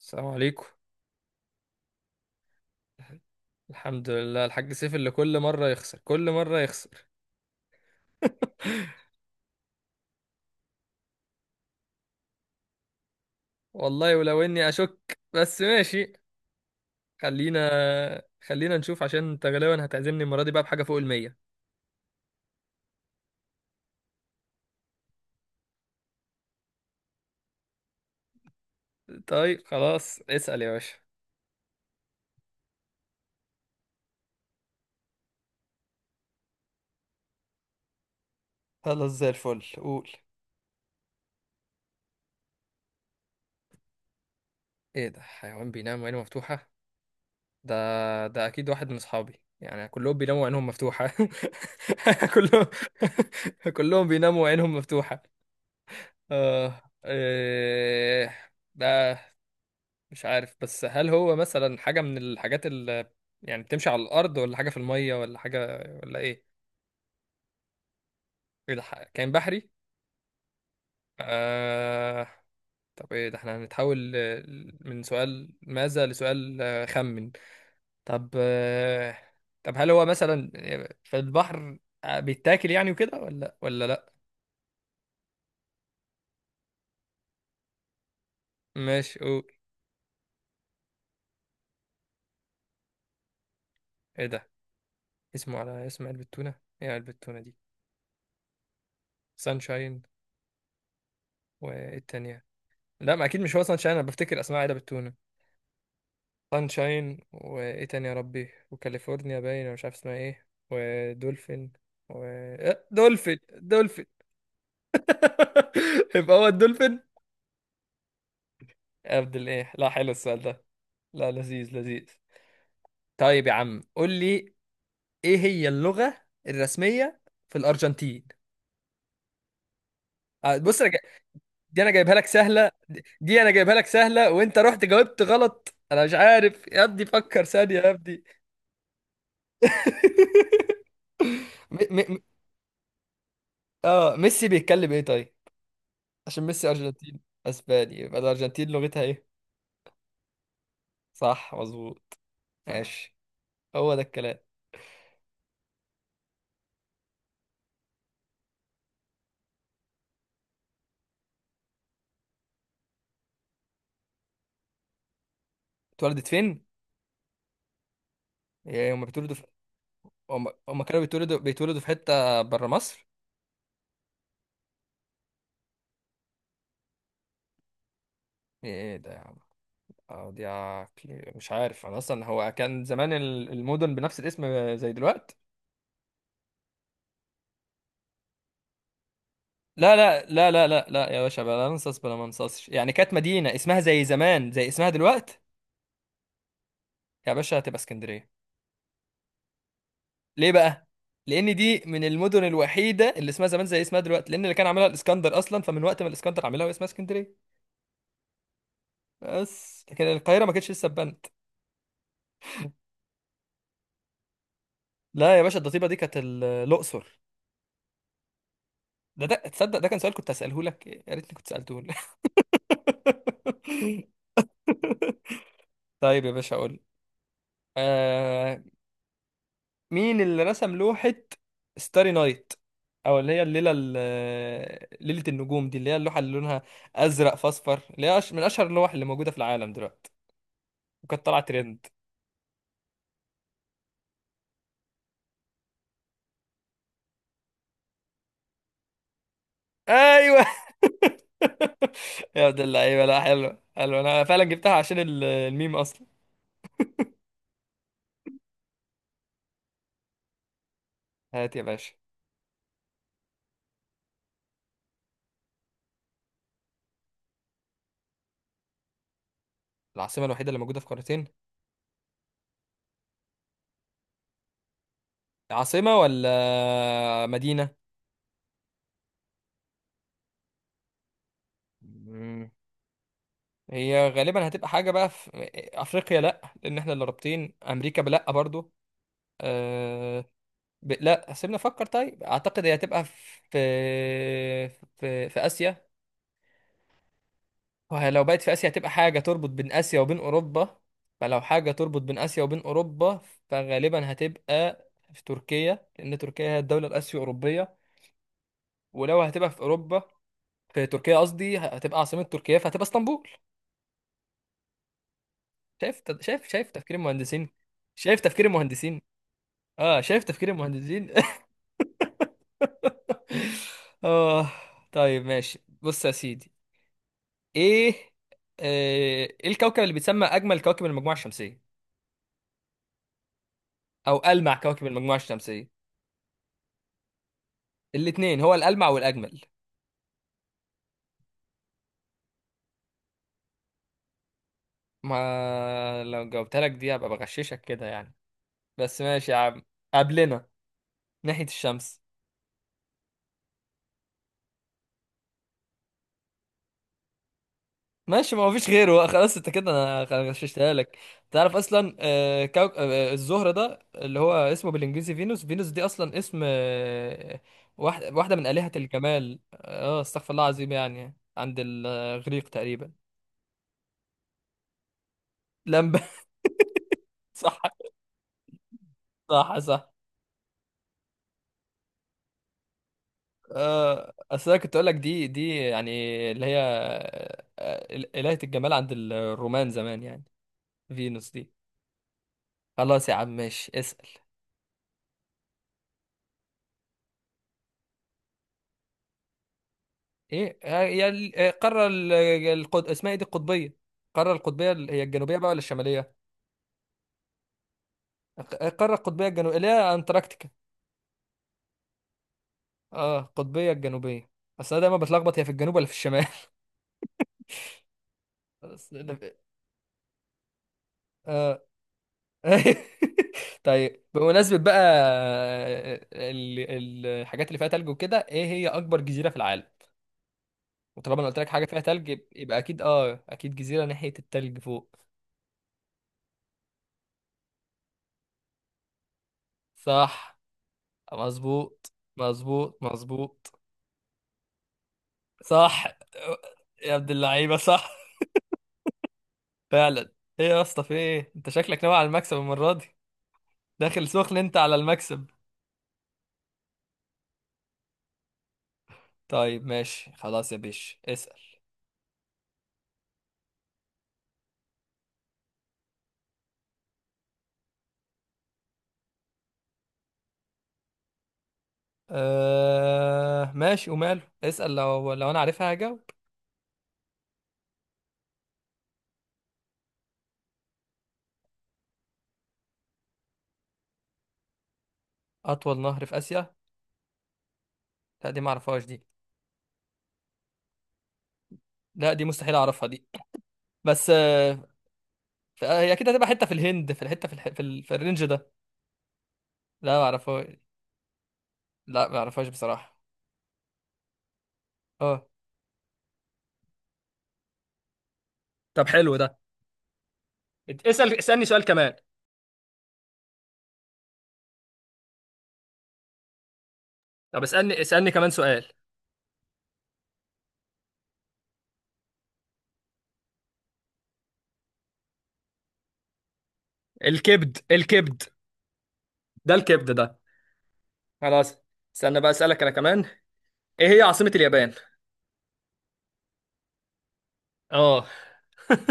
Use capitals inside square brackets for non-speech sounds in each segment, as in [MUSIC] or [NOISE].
السلام عليكم. الحمد لله. الحاج سيف اللي كل مرة يخسر كل مرة يخسر. والله ولو اني اشك، بس ماشي. خلينا خلينا نشوف عشان انت غالبا هتعزمني المرة دي بقى بحاجة فوق المية. طيب خلاص، اسأل يا باشا. خلاص زي الفل، قول. ايه ده حيوان بينام وعينه مفتوحة؟ ده اكيد واحد من اصحابي، يعني كلهم بيناموا وعينهم مفتوحة [LAUGHS] كلهم. [LAUGHS] كلهم بيناموا وعينهم مفتوحة. اه، إيه ده؟ مش عارف، بس هل هو مثلا حاجة من الحاجات اللي يعني بتمشي على الأرض، ولا حاجة في المية، ولا حاجة، ولا إيه؟ إيه ده، كائن بحري؟ آه. طب إيه ده، إحنا هنتحول من سؤال ماذا لسؤال خمن. طب طب هل هو مثلا في البحر، بيتاكل يعني وكده، ولا لأ؟ ماشي قول. إيه ده؟ اسمه على اسم علبة تونة؟ إيه علبة التونة دي؟ سانشاين، وإيه التانية؟ لا، ما أكيد مش هو سانشاين، أنا بفتكر أسماء علبة التونة. سانشاين، وايه تاني يا ربي، وكاليفورنيا باين أنا مش عارف اسمها ايه، ودولفين، و... دولفين دولفين. [LAUGHS] يبقى هو الدولفين. عبد الايه، لا حلو السؤال ده، لا لذيذ لذيذ. طيب يا عم، قول لي ايه هي اللغة الرسمية في الأرجنتين. بص انا جاي. دي انا جايبها لك سهلة، دي انا جايبها لك سهلة، وانت رحت جاوبت غلط، انا مش عارف يا ابني، فكر ثانية يا ابني. [LAUGHS] م... م... م- اه، ميسي بيتكلم ايه طيب؟ عشان ميسي أرجنتين. أسباني، يبقى الأرجنتين لغتها إيه؟ صح، مظبوط، صح. ماشي، هو ده الكلام. اتولدت فين؟ يعني هما بيتولدوا في، هما كانوا بيتولدوا في حتة برا مصر؟ إيه ده يا عم؟ اه دي عقلي، مش عارف أنا أصلا هو كان زمان المدن بنفس الاسم زي دلوقتي؟ لا لا لا لا لا لا يا باشا، بلا ننصص، بلا ما ننصصش، يعني كانت مدينة اسمها زي زمان زي اسمها دلوقتي. يا باشا هتبقى اسكندرية. ليه بقى؟ لان دي من المدن الوحيده اللي اسمها زمان زي اسمها دلوقتي، لان اللي كان عاملها الاسكندر اصلا، فمن وقت ما الاسكندر عاملها واسمها اسكندريه، بس لكن القاهره ما كانتش لسه اتبنت. لا يا باشا، الضطيبه دي كانت الاقصر. ده تصدق ده كان سؤال كنت هساله لك، يا ريتني كنت سالته لك. [LAUGHS] طيب يا باشا، اقول آه مين اللي رسم لوحه ستاري نايت، او اللي هي الليله ليله النجوم دي، اللي هي اللوحه اللي لونها ازرق في اصفر، اللي هي من اشهر اللوح اللي موجوده في العالم دلوقتي، وكانت طالعه ترند. ايوه. [LAUGHS] يا ابن اللعيبه، لا حلو حلو، انا فعلا جبتها عشان الميم اصلا. هات يا باشا. العاصمه الوحيده اللي موجوده في قارتين. عاصمه ولا مدينه؟ مم. هي غالبا هتبقى حاجه بقى في افريقيا، لا لان احنا اللي رابطين امريكا بلا برضو. أه... لا سيبنا افكر، طيب اعتقد هي هتبقى في في في اسيا. وهي لو بقت في آسيا، هتبقى حاجة تربط بين آسيا وبين أوروبا. فلو حاجة تربط بين آسيا وبين أوروبا، فغالبا هتبقى في تركيا، لأن تركيا هي الدولة الآسيو أوروبية، ولو هتبقى في أوروبا، في تركيا قصدي، هتبقى عاصمة تركيا، فهتبقى اسطنبول. شايف، شايف، شايف تفكير المهندسين. شايف تفكير المهندسين. اه شايف تفكير المهندسين. [LAUGHS] اه. طيب ماشي، بص يا سيدي. ايه آه، ايه الكوكب اللي بيتسمى اجمل كوكب المجموعة الشمسية، او ألمع كوكب المجموعة الشمسية؟ الاتنين، هو الألمع والأجمل. ما لو جاوبتها لك دي هبقى بغششك كده يعني، بس ماشي يا عم. قبلنا ناحية الشمس. ماشي، ما هو فيش غيره بقى، خلاص انت كده، انا غششتها لك. تعرف اصلا آه، كوك... آه، الزهرة ده اللي هو اسمه بالانجليزي فينوس دي اصلا اسم واحدة من آلهة الجمال، اه استغفر الله العظيم، يعني عند الإغريق تقريبا. لمبة. [LAUGHS] صح صح صح. اصل انا كنت اقول لك دي يعني، اللي هي إلهة الجمال عند الرومان زمان يعني، فينوس دي. خلاص يا عم، ماشي اسأل. ايه آه، يا ال- آه، القارة اسمها ايه دي، القطبية؟ القارة القطبية هي الجنوبية بقى ولا الشمالية؟ القارة القطبية الجنوبية اللي هي انتاركتيكا. اه القطبية الجنوبية. اصل انا دايما بتلخبط هي في الجنوب ولا في الشمال. [LAUGHS] أصل أنا- اه. [LAUGHS] طيب بمناسبة بقى الحاجات اللي فيها تلج وكده، ايه هي اكبر جزيرة في العالم؟ وطالما انا قلت لك حاجة فيها تلج يبقى اكيد جزيرة ناحية التلج فوق. صح، مظبوط مظبوط مظبوط. صح يا عبد اللعيبة، صح فعلا. ايه يا اسطى، في ايه انت شكلك ناوي على المكسب المرة دي. داخل سخن انت على المكسب. طيب ماشي، خلاص يا بيش اسأل. ماشي، وماله، اسأل، لو انا عارفها هجاوب. اطول نهر في اسيا؟ لا دي ما اعرفهاش دي. لا دي مستحيل اعرفها دي. بس هي اكيد هتبقى حته في الهند، في الحته، في الح... في, ال... في الرينج ده. لا ما اعرفهاش. لا ما اعرفهاش بصراحه. اه طب حلو ده. اسالني سؤال كمان. طب اسالني كمان سؤال. الكبد الكبد. ده الكبد ده. خلاص، استنى بقى اسالك انا كمان. ايه هي عاصمة اليابان؟ اه. [LAUGHS]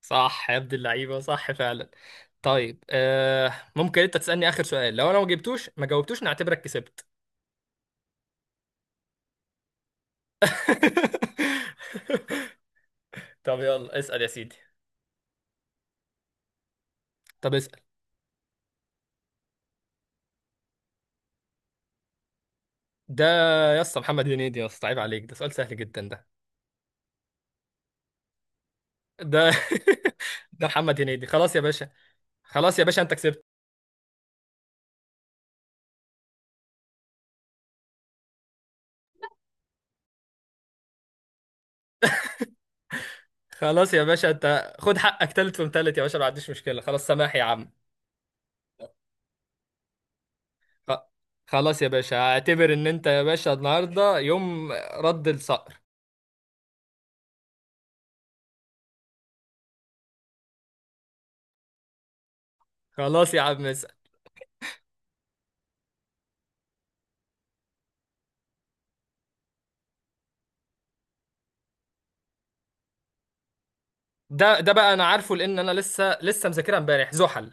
صح يا ابن اللعيبه، صح فعلا. طيب ممكن انت تسالني اخر سؤال، لو انا ما جاوبتوش نعتبرك كسبت. [LAUGHS] طب يلا اسأل يا سيدي. طب اسأل. ده يا اسطى محمد هنيدي يا اسطى، عيب عليك، ده سؤال سهل جدا ده. ده [LAUGHS] ده محمد هنيدي، خلاص يا باشا. خلاص يا باشا انت كسبت. خلاص يا باشا، انت خد حقك تالت ومتالت يا باشا، ما عنديش مشكلة، خلاص سماح يا عم. خ- خلاص يا باشا، اعتبر ان انت يا باشا النهارده يوم رد الصقر. خلاص يا عم، اسأل. ده بقى انا عارفه، لان انا لسه مذاكرها امبارح، زحل.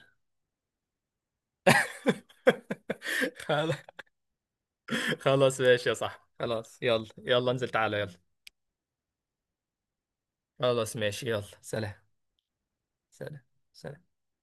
[LAUGHS] خلاص ماشي يا صاحبي، خلاص يلا يلا، انزل تعالى يلا. خلاص ماشي يلا، سلام. سلام. سلام.